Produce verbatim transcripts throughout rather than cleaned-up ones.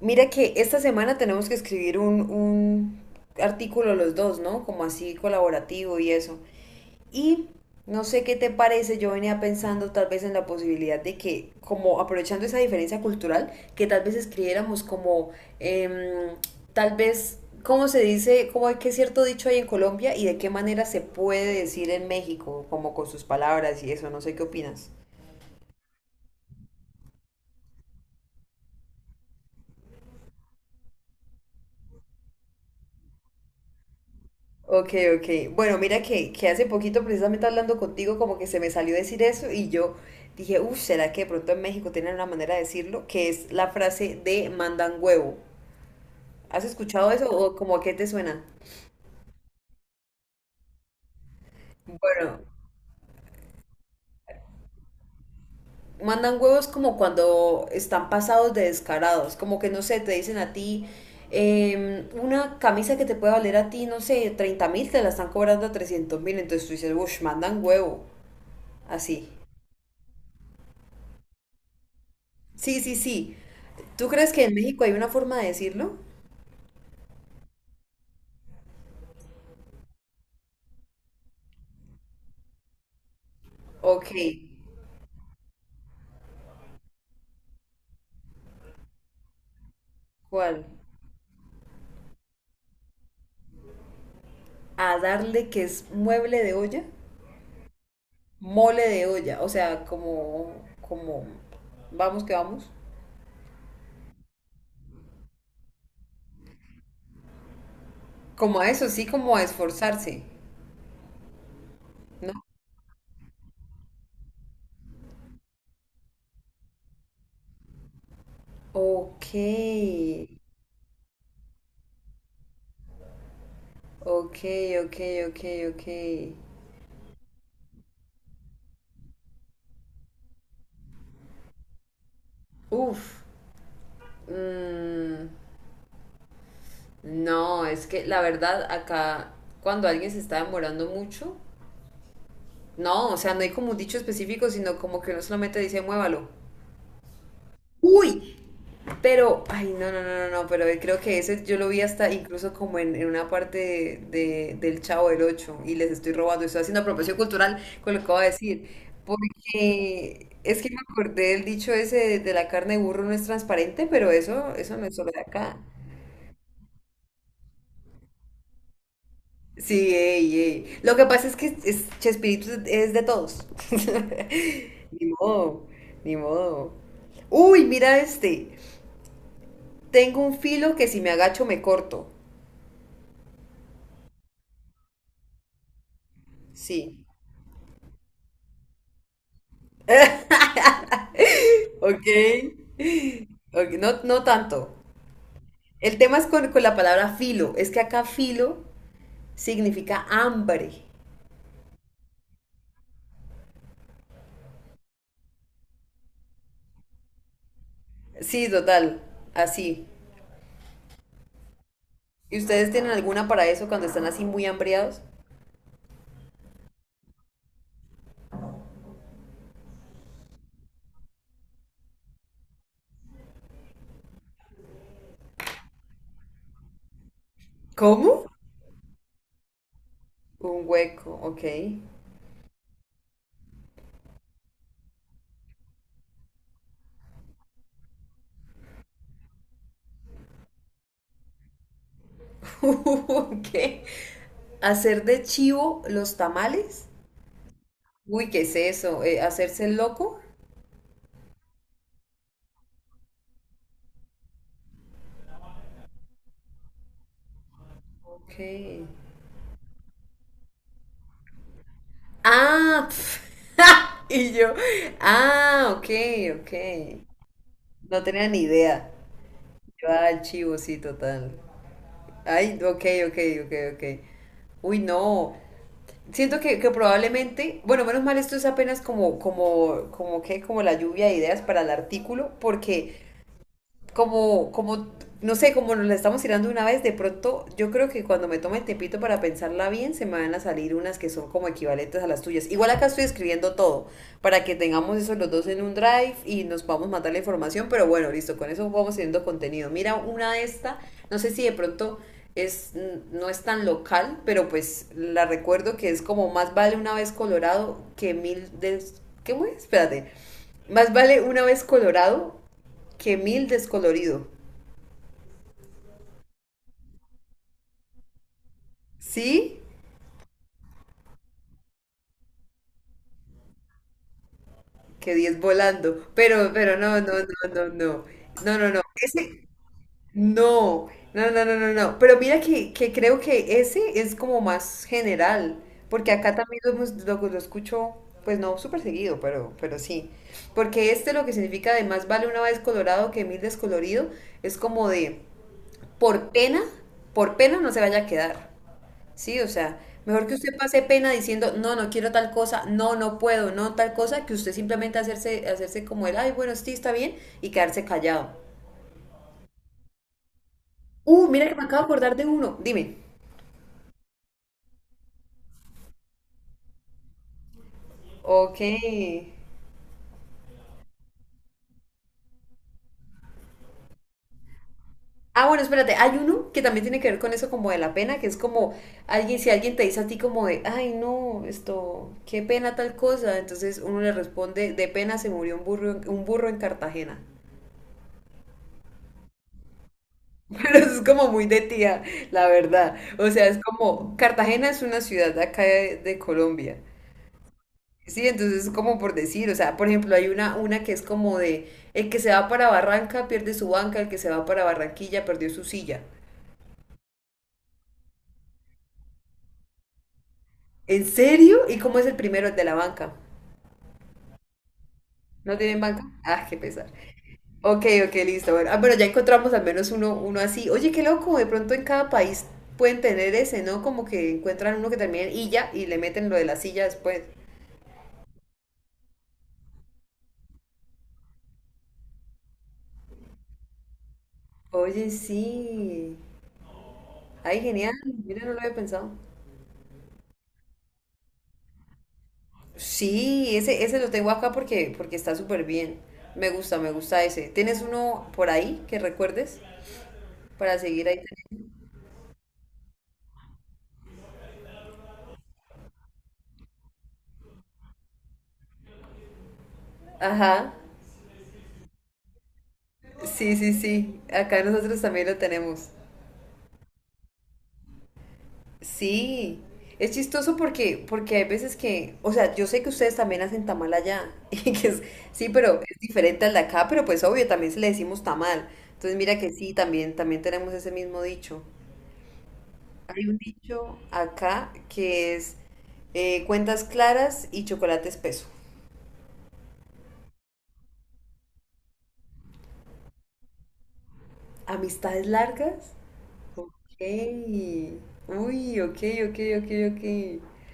Mira que esta semana tenemos que escribir un, un artículo los dos, ¿no? Como así colaborativo y eso. Y no sé qué te parece, yo venía pensando tal vez en la posibilidad de que, como aprovechando esa diferencia cultural, que tal vez escribiéramos como, em, tal vez, ¿cómo se dice? ¿Cómo hay que cierto dicho hay en Colombia y de qué manera se puede decir en México, como con sus palabras y eso? No sé qué opinas. Ok, ok. Bueno, mira que, que hace poquito, precisamente hablando contigo, como que se me salió decir eso y yo dije, uff, ¿será que de pronto en México tienen una manera de decirlo? Que es la frase de mandan huevo. ¿Has escuchado eso o como a qué te suena? Bueno, mandan huevos como cuando están pasados de descarados, como que no sé, te dicen a ti em, una camisa que te puede valer a ti, no sé, treinta mil, te la están cobrando a trescientos mil, entonces tú dices, uff, mandan huevo, así. Sí, sí, sí. ¿Tú crees que en México hay una forma de decirlo? Ok, ¿cuál? A darle que es mueble de olla, mole de olla, o sea, como, como, vamos que vamos. Como a eso, sí, como a esforzarse, ¿no? Ok, ok, ok, ok, ok. Uf, mm, no, es que la verdad acá, cuando alguien se está demorando mucho, no, o sea, no hay como un dicho específico, sino como que uno solamente dice muévalo. ¡Uy! Pero, ay, no, no, no, no, no, pero creo que ese yo lo vi hasta incluso como en, en una parte de, del Chavo del Ocho y les estoy robando, estoy haciendo apropiación cultural con lo que voy a decir, porque es que me acordé del dicho ese de, de la carne de burro no es transparente, pero eso, eso no es solo de acá. Sí, ey, ey. Lo que pasa es que es, Chespirito es de todos. Ni modo, ni modo. Uy, mira este. Tengo un filo que si me agacho me corto. Sí. Ok. Ok, no, no tanto. El tema es con, con la palabra filo. Es que acá filo significa hambre. Sí, total. Así. ¿Y ustedes tienen alguna para eso cuando están así muy hambreados? ¿Cómo? Un hueco, ok. Ok. Hacer de chivo los tamales. Uy, ¿qué es eso? Eh, ¿hacerse el loco? Ok. Ah, y yo, ah, ok, ok. No tenía ni idea. Yo, ah, el chivo, sí, total. Ay, ok, ok, ok, ok. Uy, no. Siento que, que probablemente, bueno, menos mal esto es apenas como, como, como que, como la lluvia de ideas para el artículo, porque como, como, no sé, como nos la estamos tirando una vez, de pronto yo creo que cuando me tome el tiempito para pensarla bien, se me van a salir unas que son como equivalentes a las tuyas. Igual acá estoy escribiendo todo, para que tengamos eso los dos en un drive y nos vamos a matar la información, pero bueno, listo, con eso vamos teniendo contenido. Mira una de esta, no sé si de pronto es, no es tan local, pero pues la recuerdo que es como más vale una vez Colorado que mil de... ¿Qué fue? Espérate. Más vale una vez Colorado que mil descolorido. Sí, que diez volando. Pero, pero no, no, no, no, no. No, no, no. Ese, no. No, no, no, no, no. Pero mira que, que creo que ese es como más general. Porque acá también lo, hemos- lo- lo escucho, pues no súper seguido, pero, pero sí. Porque este lo que significa de más vale una vez colorado que mil descolorido es como de por pena, por pena no se vaya a quedar. Sí, o sea, mejor que usted pase pena diciendo, no, no quiero tal cosa, no, no puedo, no tal cosa, que usted simplemente hacerse, hacerse como el, ay, bueno, sí, está bien, y quedarse callado. Uh, mira que me acabo de acordar de uno, dime. Ok. Ah, bueno, espérate, hay uno que también tiene que ver con eso como de la pena, que es como alguien, si alguien te dice a ti como de, ay, no, esto, qué pena tal cosa, entonces uno le responde, de pena se murió un burro, un burro en Cartagena. Pero es como muy de tía, la verdad. O sea, es como, Cartagena es una ciudad de acá de, de Colombia. Sí, entonces es como por decir, o sea, por ejemplo, hay una, una que es como de, el que se va para Barranca pierde su banca, el que se va para Barranquilla perdió su silla. ¿En serio? ¿Y cómo es el primero, el de la banca? ¿No tienen banca? Ah, qué pesar. Ok, ok, listo. Bueno, ah, bueno, ya encontramos al menos uno, uno así. Oye, qué loco, de pronto en cada país pueden tener ese, ¿no? Como que encuentran uno que termina en illa y le meten lo de la silla después. Oye, sí. Ay, genial. Mira, no lo había pensado. Sí, ese, ese lo tengo acá porque, porque está súper bien. Me gusta, me gusta ese. ¿Tienes uno por ahí que recuerdes para seguir ahí? Ajá. Sí, sí, sí. Acá nosotros también lo tenemos. Sí. Es chistoso porque, porque hay veces que, o sea, yo sé que ustedes también hacen tamal allá, y que es- sí, pero es diferente al de acá, pero pues obvio, también se le decimos tamal. Entonces mira que sí, también, también tenemos ese mismo dicho. Hay un dicho acá que es eh, cuentas claras y chocolate espeso. ¿Amistades largas? Ok. Uy, ok, ok, ok,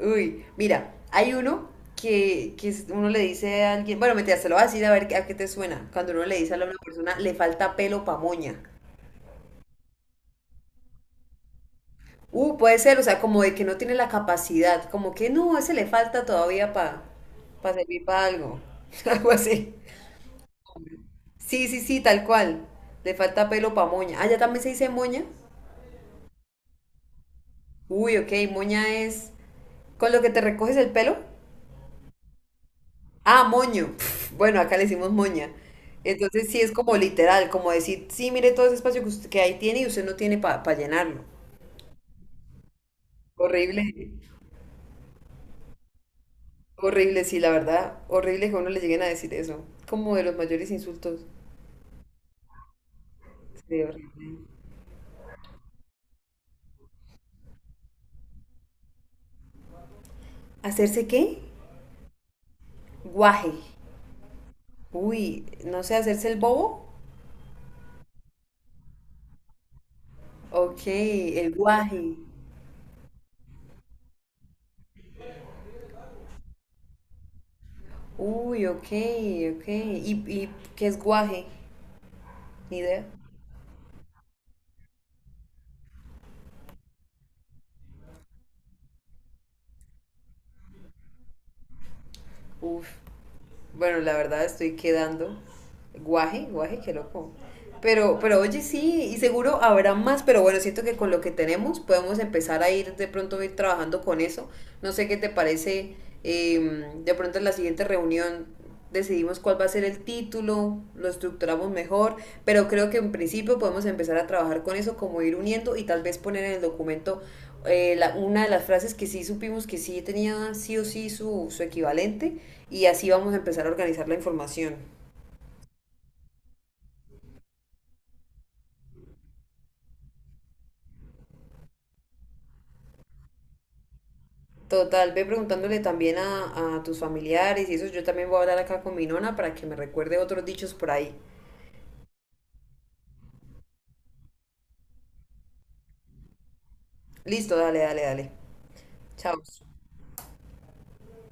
ok. Uy, mira, hay uno que, que es- uno le dice a alguien, bueno, mentira, se lo voy a decir a ver a qué te suena. Cuando uno le dice a una persona, le falta pelo pa' moña. Uh, puede ser, o sea, como de que no tiene la capacidad, como que no, ese le falta todavía para servir para algo. Algo así. Sí, sí, sí, tal cual. Le falta pelo pa' moña. Ah, ya también se dice moña. Uy, ok, moña es con lo que te recoges el pelo. Ah, moño. Bueno, acá le decimos moña. Entonces sí es como literal, como decir, sí, mire todo ese espacio que, usted, que ahí tiene y usted no tiene para llenarlo. Horrible, horrible, sí, la verdad, horrible que a uno le lleguen a decir eso. Como de los mayores insultos. Sí, horrible. ¿Hacerse qué? Guaje. Uy, no sé, hacerse el bobo. Ok, el guaje. Uy, ok, ok. ¿Y, y qué es guaje? Ni idea. Uf. Bueno, la verdad estoy quedando. Guaje, guaje, qué loco. Pero, pero oye, sí, y seguro habrá más, pero bueno, siento que con lo que tenemos podemos empezar a ir de pronto a ir trabajando con eso. No sé qué te parece, em, de pronto en la siguiente reunión decidimos cuál va a ser el título, lo estructuramos mejor, pero creo que en principio podemos empezar a trabajar con eso, como ir uniendo y tal vez poner en el documento eh, la- una de las frases que sí supimos que sí tenía sí o sí su, su equivalente y así vamos a empezar a organizar la información. Total, ve preguntándole también a, a tus familiares y eso, yo también voy a hablar acá con mi nona para que me recuerde otros dichos por ahí. Listo, dale, dale, dale. Chao.